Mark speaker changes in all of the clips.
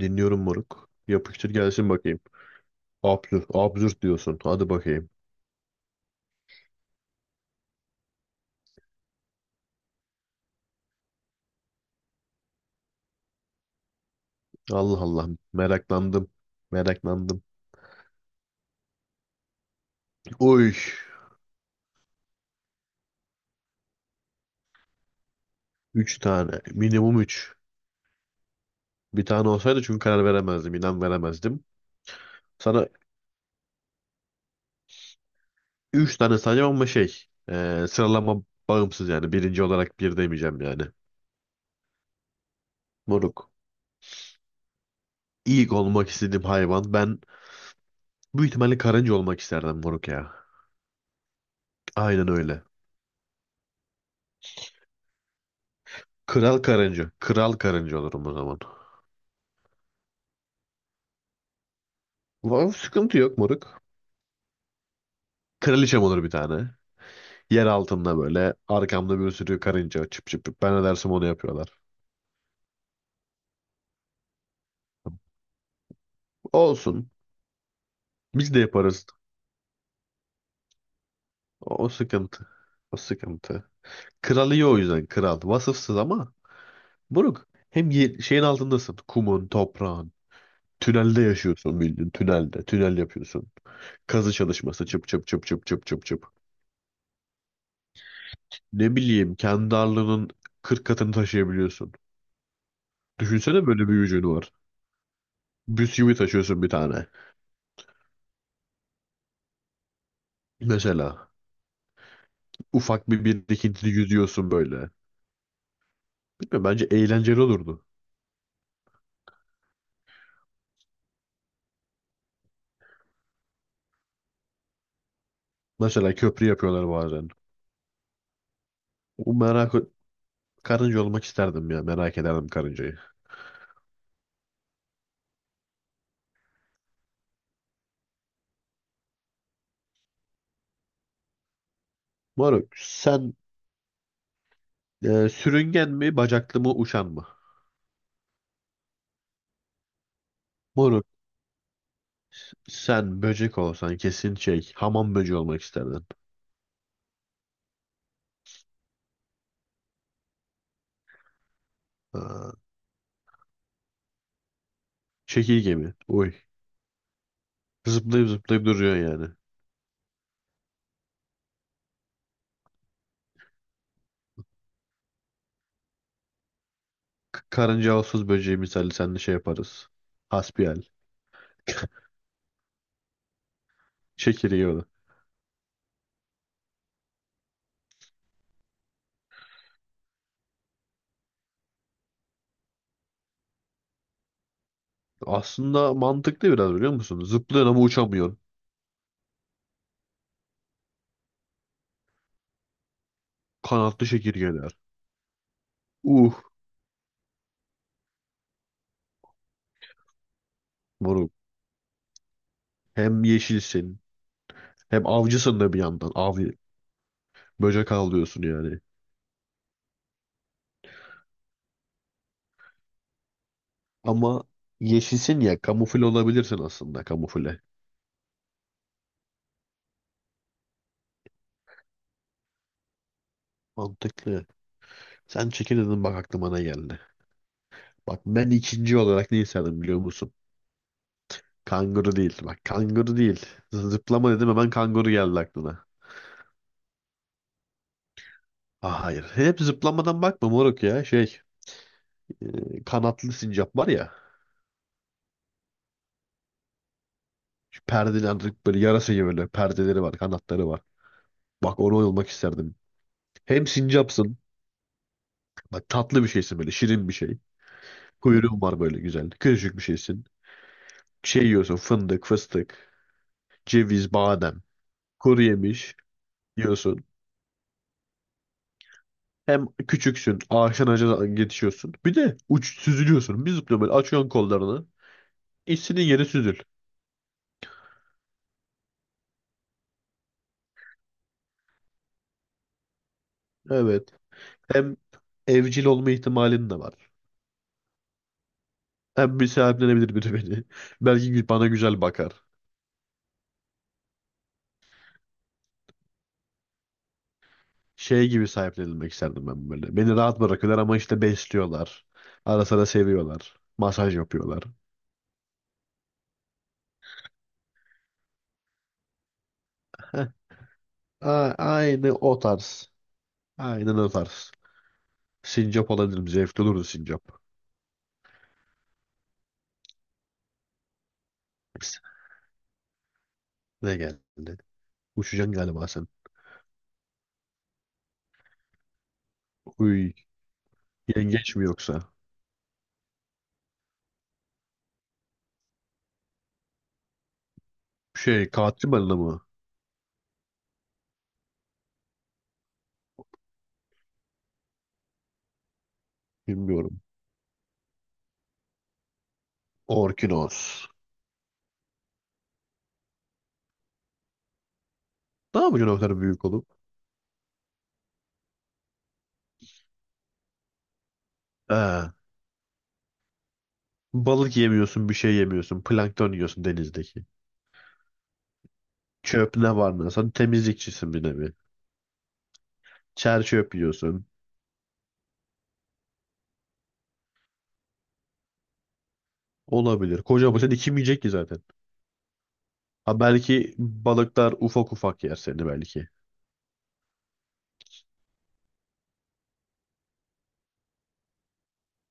Speaker 1: Dinliyorum moruk. Yapıştır gelsin bakayım. Absürt, absürt diyorsun. Hadi bakayım. Allah Allah. Meraklandım. Meraklandım. Oy. Üç tane. Minimum üç. Bir tane olsaydı çünkü karar veremezdim. İnan veremezdim. Sana üç tane sayacağım ama şey. Sıralama bağımsız yani. Birinci olarak bir demeyeceğim yani. Moruk. İlk olmak istediğim hayvan. Ben büyük ihtimalle karınca olmak isterdim moruk ya. Aynen öyle. Kral karınca. Kral karınca olurum o zaman. Vav, sıkıntı yok moruk. Kraliçem olur bir tane. Yer altında böyle arkamda bir sürü karınca çıp çıp çıp. Ben ne dersem onu yapıyorlar. Olsun. Biz de yaparız. O sıkıntı. O sıkıntı. Kral iyi o yüzden kral. Vasıfsız ama buruk. Hem şeyin altındasın. Kumun, toprağın. Tünelde yaşıyorsun bildiğin. Tünelde. Tünel yapıyorsun. Kazı çalışması çıp çıp çıp çıp çıp çıp çıp. Ne bileyim kendi ağırlığının 40 katını taşıyabiliyorsun. Düşünsene böyle bir gücün var. Bisküvi taşıyorsun bir tane. Mesela, ufak bir birikintili yüzüyorsun böyle. Bilmiyorum bence eğlenceli olurdu. Mesela köprü yapıyorlar bazen. O merak karınca olmak isterdim ya. Merak ederdim karıncayı. Moruk sen sürüngen mi bacaklı mı uçan mı? Moruk sen böcek olsan kesin şey hamam böceği olmak isterdin. Ha, çekirge mi? Uy. Zıplayıp zıplayıp duruyor yani. Karınca olsuz böceği misali seninle şey yaparız. Hasbihal. Çekirge o da. Aslında mantıklı biraz biliyor musun? Zıplıyorsun ama uçamıyorsun. Kanatlı çekirgeler. Uh moruk. Hem yeşilsin hem avcısın da bir yandan. Böcek avlıyorsun yani. Ama yeşilsin ya kamufle olabilirsin aslında kamufle. Mantıklı. Sen çekirdin bak aklıma ne geldi. Bak ben ikinci olarak ne isterdim biliyor musun? Kanguru değil. Bak kanguru değil. Zıplama dedim hemen kanguru geldi aklına. Ah, hayır. Hep zıplamadan bakma moruk ya. Şey kanatlı sincap var ya. Şu perdeleri böyle yarasa gibi böyle perdeleri var kanatları var. Bak onu olmak isterdim. Hem sincapsın. Bak tatlı bir şeysin böyle. Şirin bir şey. Kuyruğun var böyle güzel. Küçücük bir şeysin. Şey yiyorsun. Fındık, fıstık, ceviz, badem. Kuru yemiş yiyorsun. Hem küçüksün. Ağaçtan ağaca yetişiyorsun. Bir de uç süzülüyorsun. Bir zıplıyorsun böyle. Açıyorsun kollarını. İstediğin yere süzül. Evet. Hem evcil olma ihtimalin de var. Hem bir sahiplenebilir biri beni. Belki bana güzel bakar. Şey gibi sahiplenilmek isterdim ben böyle. Beni rahat bırakıyorlar ama işte besliyorlar. Ara sıra seviyorlar. Masaj yapıyorlar. Heh. Aynı o tarz. Aynen o tarz. Sincap olabilirim. Zevkli olurdu sincap. Ne geldi? Uçacaksın galiba sen. Uy, yengeç mi yoksa? Şey, katil balina mı? Bilmiyorum. Orkinos. Ne yapacaksın o kadar büyük olup? Ee, Balık yemiyorsun, bir şey yemiyorsun. Plankton yiyorsun denizdeki. Çöp ne var ne? Sen temizlikçisin bir nevi. Çer çöp yiyorsun. Olabilir. Kocaman sen kim yiyecek ki zaten? Ha belki balıklar ufak ufak yer seni belki.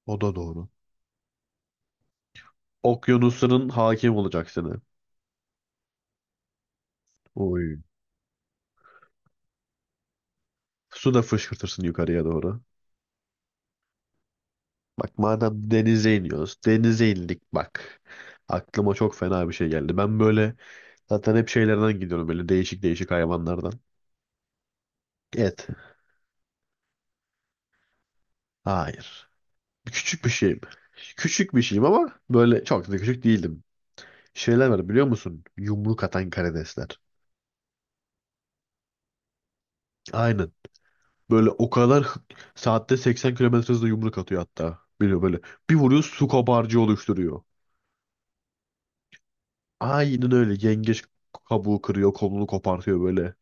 Speaker 1: O da doğru. Okyanusların hakim olacak seni. Oy. Su da fışkırtırsın yukarıya doğru. Bak madem denize iniyoruz. Denize indik bak. Aklıma çok fena bir şey geldi. Ben böyle zaten hep şeylerden gidiyorum böyle değişik değişik hayvanlardan. Et. Hayır. Küçük bir şeyim. Küçük bir şeyim ama böyle çok da küçük değildim. Şeyler var biliyor musun? Yumruk atan karidesler. Aynen. Böyle o kadar saatte 80 kilometre hızla yumruk atıyor hatta. Biliyor böyle. Bir vuruyor su kabarcığı oluşturuyor. Aynen öyle. Yengeç kabuğu kırıyor, kolunu kopartıyor böyle.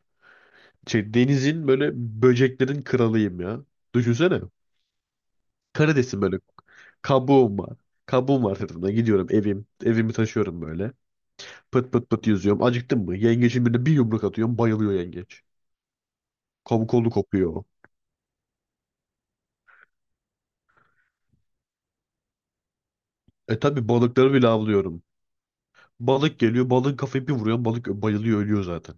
Speaker 1: Şey, denizin böyle böceklerin kralıyım ya. Düşünsene. Karidesin böyle. Kabuğum var. Kabuğum var sırtımda. Gidiyorum evim. Evimi taşıyorum böyle. Pıt pıt pıt yüzüyorum. Acıktın mı? Yengeçin birine bir yumruk atıyorum. Bayılıyor yengeç. Kabuk kolu kopuyor. E tabi balıkları bile avlıyorum. Balık geliyor. Balığın kafayı bir vuruyor. Balık bayılıyor ölüyor zaten.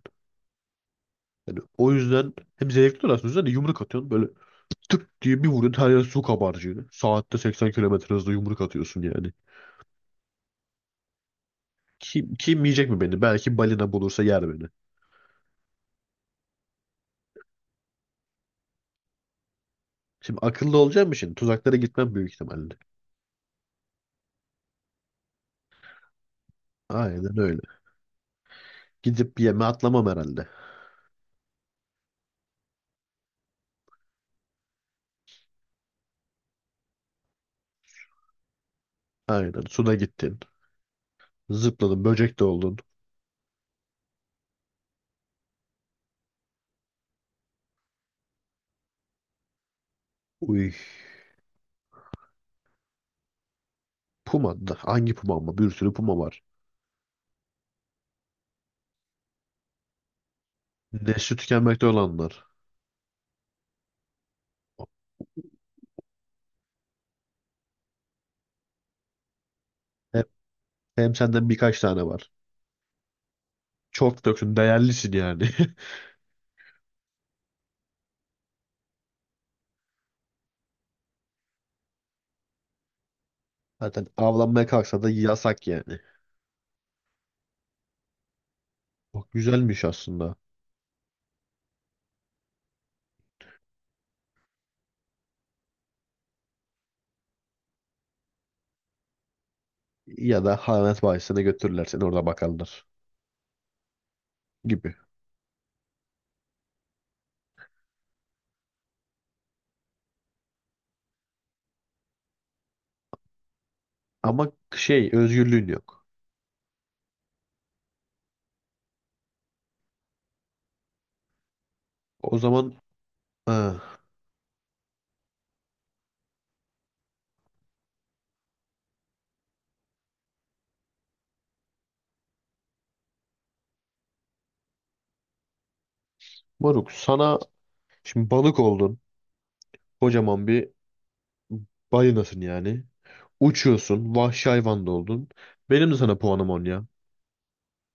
Speaker 1: Yani o yüzden hem zevkli oluyor aslında. Hani yumruk atıyorsun böyle tık diye bir vuruyorsun. Her yer su kabarcığı. Saatte 80 kilometre hızla yumruk atıyorsun yani. Kim yiyecek mi beni? Belki balina bulursa yer beni. Şimdi akıllı olacağım şimdi? Tuzaklara gitmem büyük ihtimalle. Aynen öyle. Gidip yeme atlamam herhalde. Aynen. Suda gittin. Zıpladın. Böcek de oldun. Uy. Puma da. Hangi puma ama? Bir sürü puma var. Nesli tükenmekte olanlar. Hep, hem senden birkaç tane var. Çok da değerlisin yani. Zaten avlanmaya kalksa da yasak yani. Çok güzelmiş aslında. Ya da hayvanat bahçesine götürürler seni orada bakarlar gibi. Ama şey özgürlüğün yok. O zaman ah, moruk sana şimdi balık oldun. Kocaman bir balinasın yani. Uçuyorsun. Vahşi hayvan da oldun. Benim de sana puanım 10 ya.